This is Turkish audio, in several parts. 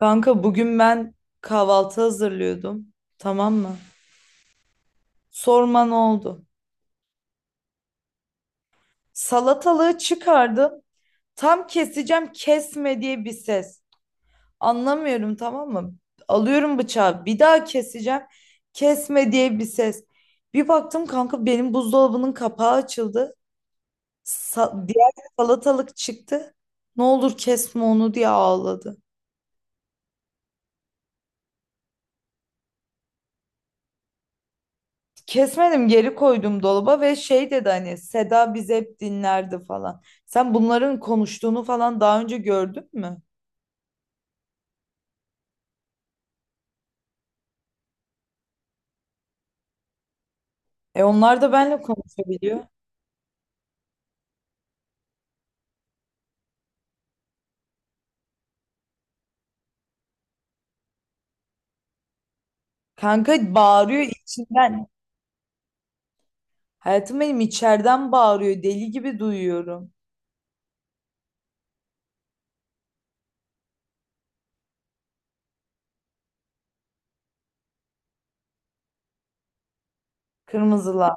Kanka bugün ben kahvaltı hazırlıyordum. Tamam mı? Sorma, ne oldu? Salatalığı çıkardım. Tam keseceğim, kesme diye bir ses. Anlamıyorum, tamam mı? Alıyorum bıçağı, bir daha keseceğim. Kesme diye bir ses. Bir baktım kanka, benim buzdolabının kapağı açıldı. Diğer salatalık çıktı. Ne olur kesme onu diye ağladı. Kesmedim, geri koydum dolaba ve şey dedi, hani Seda bizi hep dinlerdi falan. Sen bunların konuştuğunu falan daha önce gördün mü? E, onlar da benimle konuşabiliyor. Kanka bağırıyor içinden. Hayatım benim içeriden bağırıyor. Deli gibi duyuyorum. Kırmızılar.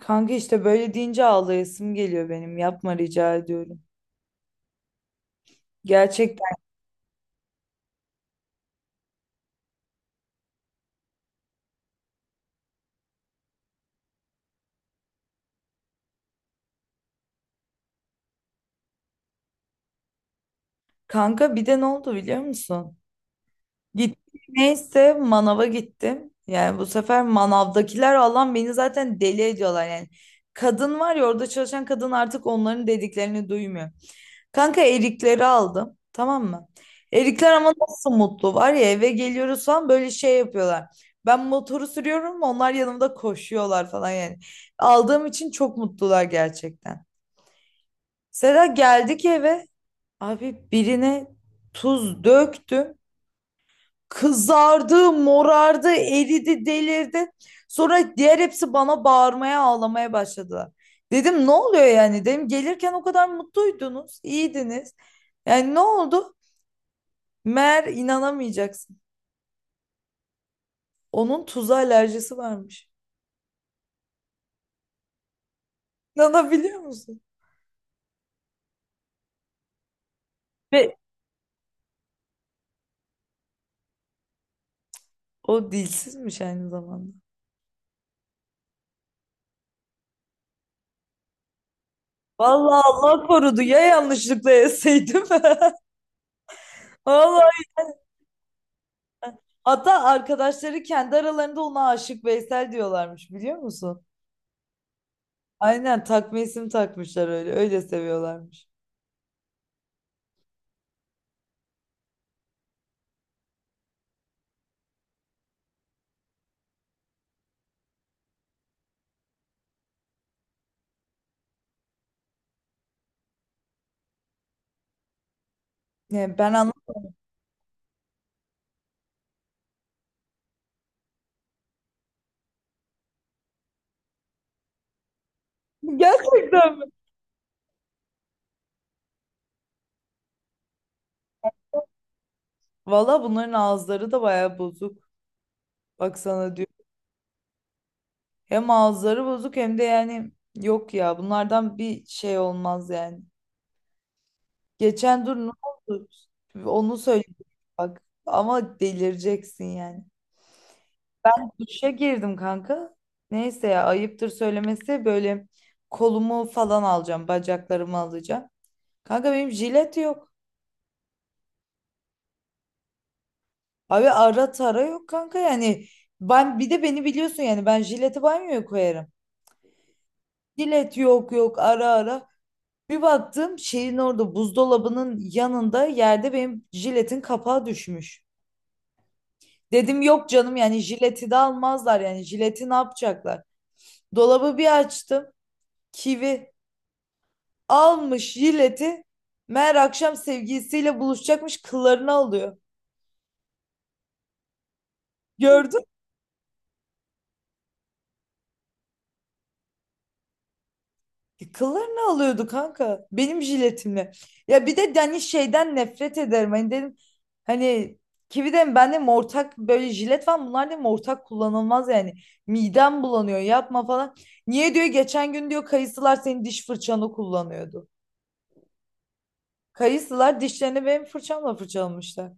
Kanka işte böyle deyince ağlayasım geliyor benim. Yapma, rica ediyorum. Gerçekten. Kanka bir de ne oldu biliyor musun? Gittim, neyse, manava gittim. Yani bu sefer manavdakiler, Allah'ım, beni zaten deli ediyorlar yani. Kadın var ya, orada çalışan kadın artık onların dediklerini duymuyor. Kanka erikleri aldım, tamam mı? Erikler ama nasıl mutlu, var ya eve geliyoruz falan böyle şey yapıyorlar. Ben motoru sürüyorum, onlar yanımda koşuyorlar falan yani. Aldığım için çok mutlular gerçekten. Sera, geldik eve, abi birine tuz döktüm. Kızardı, morardı, eridi, delirdi. Sonra diğer hepsi bana bağırmaya, ağlamaya başladılar. Dedim ne oluyor yani? Dedim gelirken o kadar mutluydunuz, iyiydiniz. Yani ne oldu? Meğer inanamayacaksın. Onun tuza alerjisi varmış. İnanabiliyor musun? Ve o dilsizmiş aynı zamanda. Vallahi Allah korudu ya, yanlışlıkla yeseydim. Vallahi hatta arkadaşları kendi aralarında ona aşık Veysel diyorlarmış, biliyor musun? Aynen, takma isim takmışlar öyle. Öyle seviyorlarmış. Yani ben anlamadım. Gerçekten mi? Valla bunların ağızları da bayağı bozuk. Baksana diyor. Hem ağızları bozuk hem de, yani, yok ya, bunlardan bir şey olmaz yani. Geçen, dur ne oldu? Onu söyle bak. Ama delireceksin yani. Duşa girdim kanka. Neyse ya, ayıptır söylemesi, böyle kolumu falan alacağım, bacaklarımı alacağım. Kanka benim jilet yok. Abi ara tara yok kanka, yani ben, bir de beni biliyorsun, yani ben jileti banyoya koyarım. Jilet yok yok, ara ara. Bir baktım şeyin orada, buzdolabının yanında yerde benim jiletin kapağı düşmüş. Dedim yok canım, yani jileti de almazlar, yani jileti ne yapacaklar? Dolabı bir açtım, kivi almış jileti, meğer akşam sevgilisiyle buluşacakmış, kıllarını alıyor. Gördün. E, kıllarını alıyordu kanka. Benim jiletimle. Ya bir de hani şeyden nefret ederim. Hani dedim, hani kivi de ben de ortak böyle jilet var. Bunlar dedim ortak kullanılmaz yani. Midem bulanıyor, yapma falan. Niye diyor, geçen gün diyor kayısılar senin diş fırçanı kullanıyordu. Kayısılar dişlerini benim fırçamla fırçalamışlar.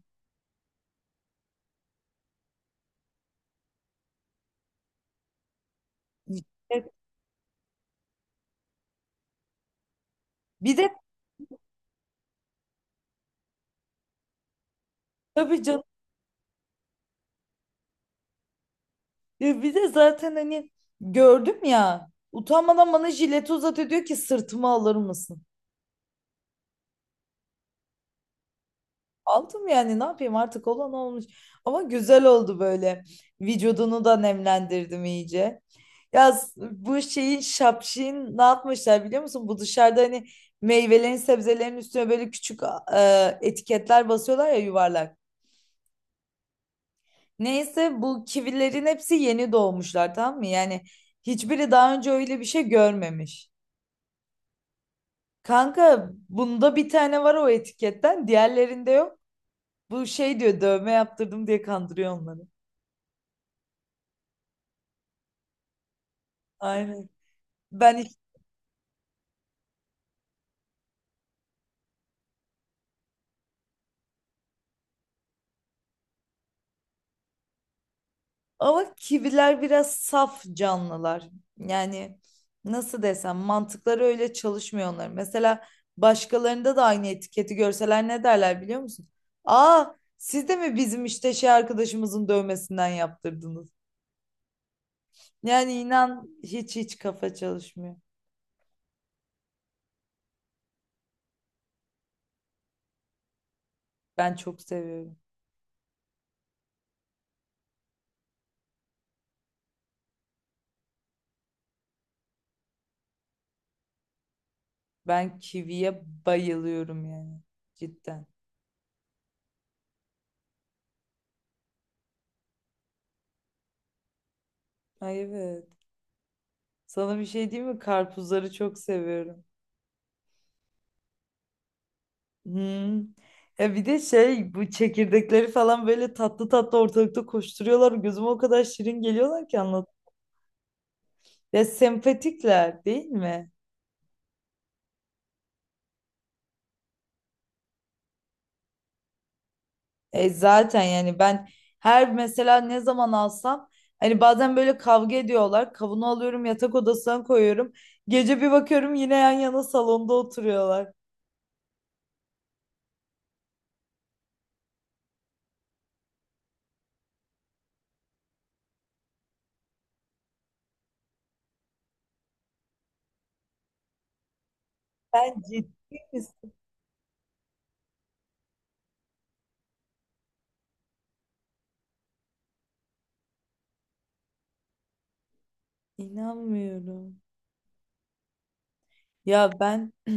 Evet. Bir de tabii canım, ya bir de zaten hani gördüm ya, utanmadan bana jileti uzatıyor, diyor ki sırtıma alır mısın? Aldım, yani ne yapayım, artık olan olmuş. Ama güzel oldu böyle. Vücudunu da nemlendirdim iyice. Bu şeyin şapşin ne yapmışlar biliyor musun? Bu dışarıda hani meyvelerin sebzelerin üstüne böyle küçük, etiketler basıyorlar ya, yuvarlak. Neyse bu kivilerin hepsi yeni doğmuşlar, tamam mı? Yani hiçbiri daha önce öyle bir şey görmemiş. Kanka bunda bir tane var o etiketten, diğerlerinde yok. Bu şey diyor dövme yaptırdım diye kandırıyor onları. Aynen. Ben hiç- Ama kiviler biraz saf canlılar. Yani nasıl desem, mantıkları öyle çalışmıyor onların. Mesela başkalarında da aynı etiketi görseler ne derler biliyor musun? Aa, siz de mi bizim işte şey arkadaşımızın dövmesinden yaptırdınız? Yani inan hiç kafa çalışmıyor. Ben çok seviyorum. Ben kiviye bayılıyorum yani, cidden. Ay evet. Sana bir şey diyeyim mi? Karpuzları çok seviyorum. Hmm. Ya bir de şey, bu çekirdekleri falan böyle tatlı tatlı ortalıkta koşturuyorlar. Gözüme o kadar şirin geliyorlar ki, anlat. Ya sempatikler değil mi? E zaten yani ben her, mesela ne zaman alsam hani, bazen böyle kavga ediyorlar. Kavunu alıyorum yatak odasına koyuyorum. Gece bir bakıyorum yine yan yana salonda oturuyorlar. Ben, ciddi misin? İnanmıyorum. Ya ben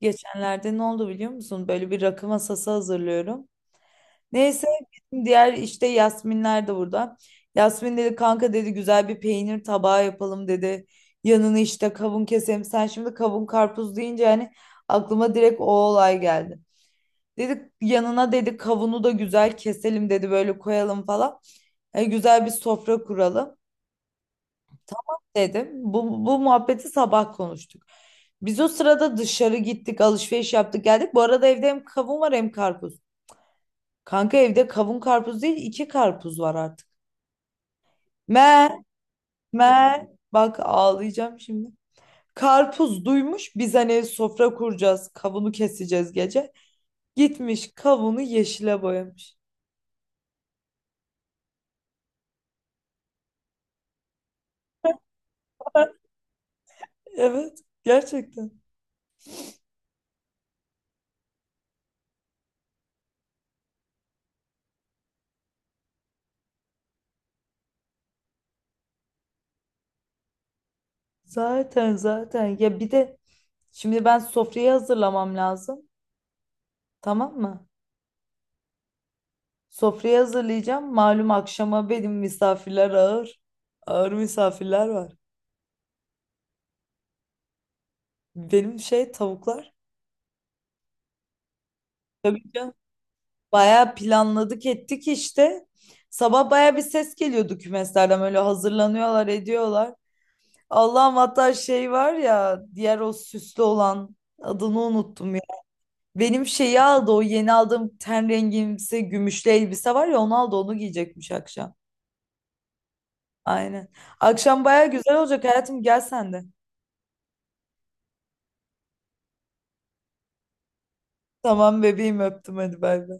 geçenlerde ne oldu biliyor musun? Böyle bir rakı masası hazırlıyorum. Neyse bizim diğer işte Yasminler de burada. Yasmin dedi kanka dedi, güzel bir peynir tabağı yapalım dedi. Yanını işte kavun keselim. Sen şimdi kavun karpuz deyince yani aklıma direkt o olay geldi. Dedi yanına dedi kavunu da güzel keselim dedi, böyle koyalım falan. Güzel bir sofra kuralım dedim. Bu muhabbeti sabah konuştuk. Biz o sırada dışarı gittik, alışveriş yaptık geldik. Bu arada evde hem kavun var hem karpuz. Kanka evde kavun karpuz değil, iki karpuz var artık. Men, men. Bak ağlayacağım şimdi. Karpuz duymuş biz hani sofra kuracağız. Kavunu keseceğiz gece. Gitmiş kavunu yeşile boyamış. Evet, gerçekten. Zaten. Ya bir de şimdi ben sofrayı hazırlamam lazım. Tamam mı? Sofrayı hazırlayacağım. Malum akşama benim misafirler ağır. Ağır misafirler var. Benim şey, tavuklar. Tabii canım. Bayağı planladık ettik işte. Sabah bayağı bir ses geliyordu kümeslerden, böyle hazırlanıyorlar ediyorlar. Allah'ım, hatta şey var ya diğer o süslü olan, adını unuttum ya. Benim şeyi aldı, o yeni aldığım ten rengimsi gümüşlü elbise var ya, onu aldı, onu giyecekmiş akşam. Aynen. Akşam bayağı güzel olacak, hayatım gel sen de. Tamam bebeğim, öptüm, hadi bay bay.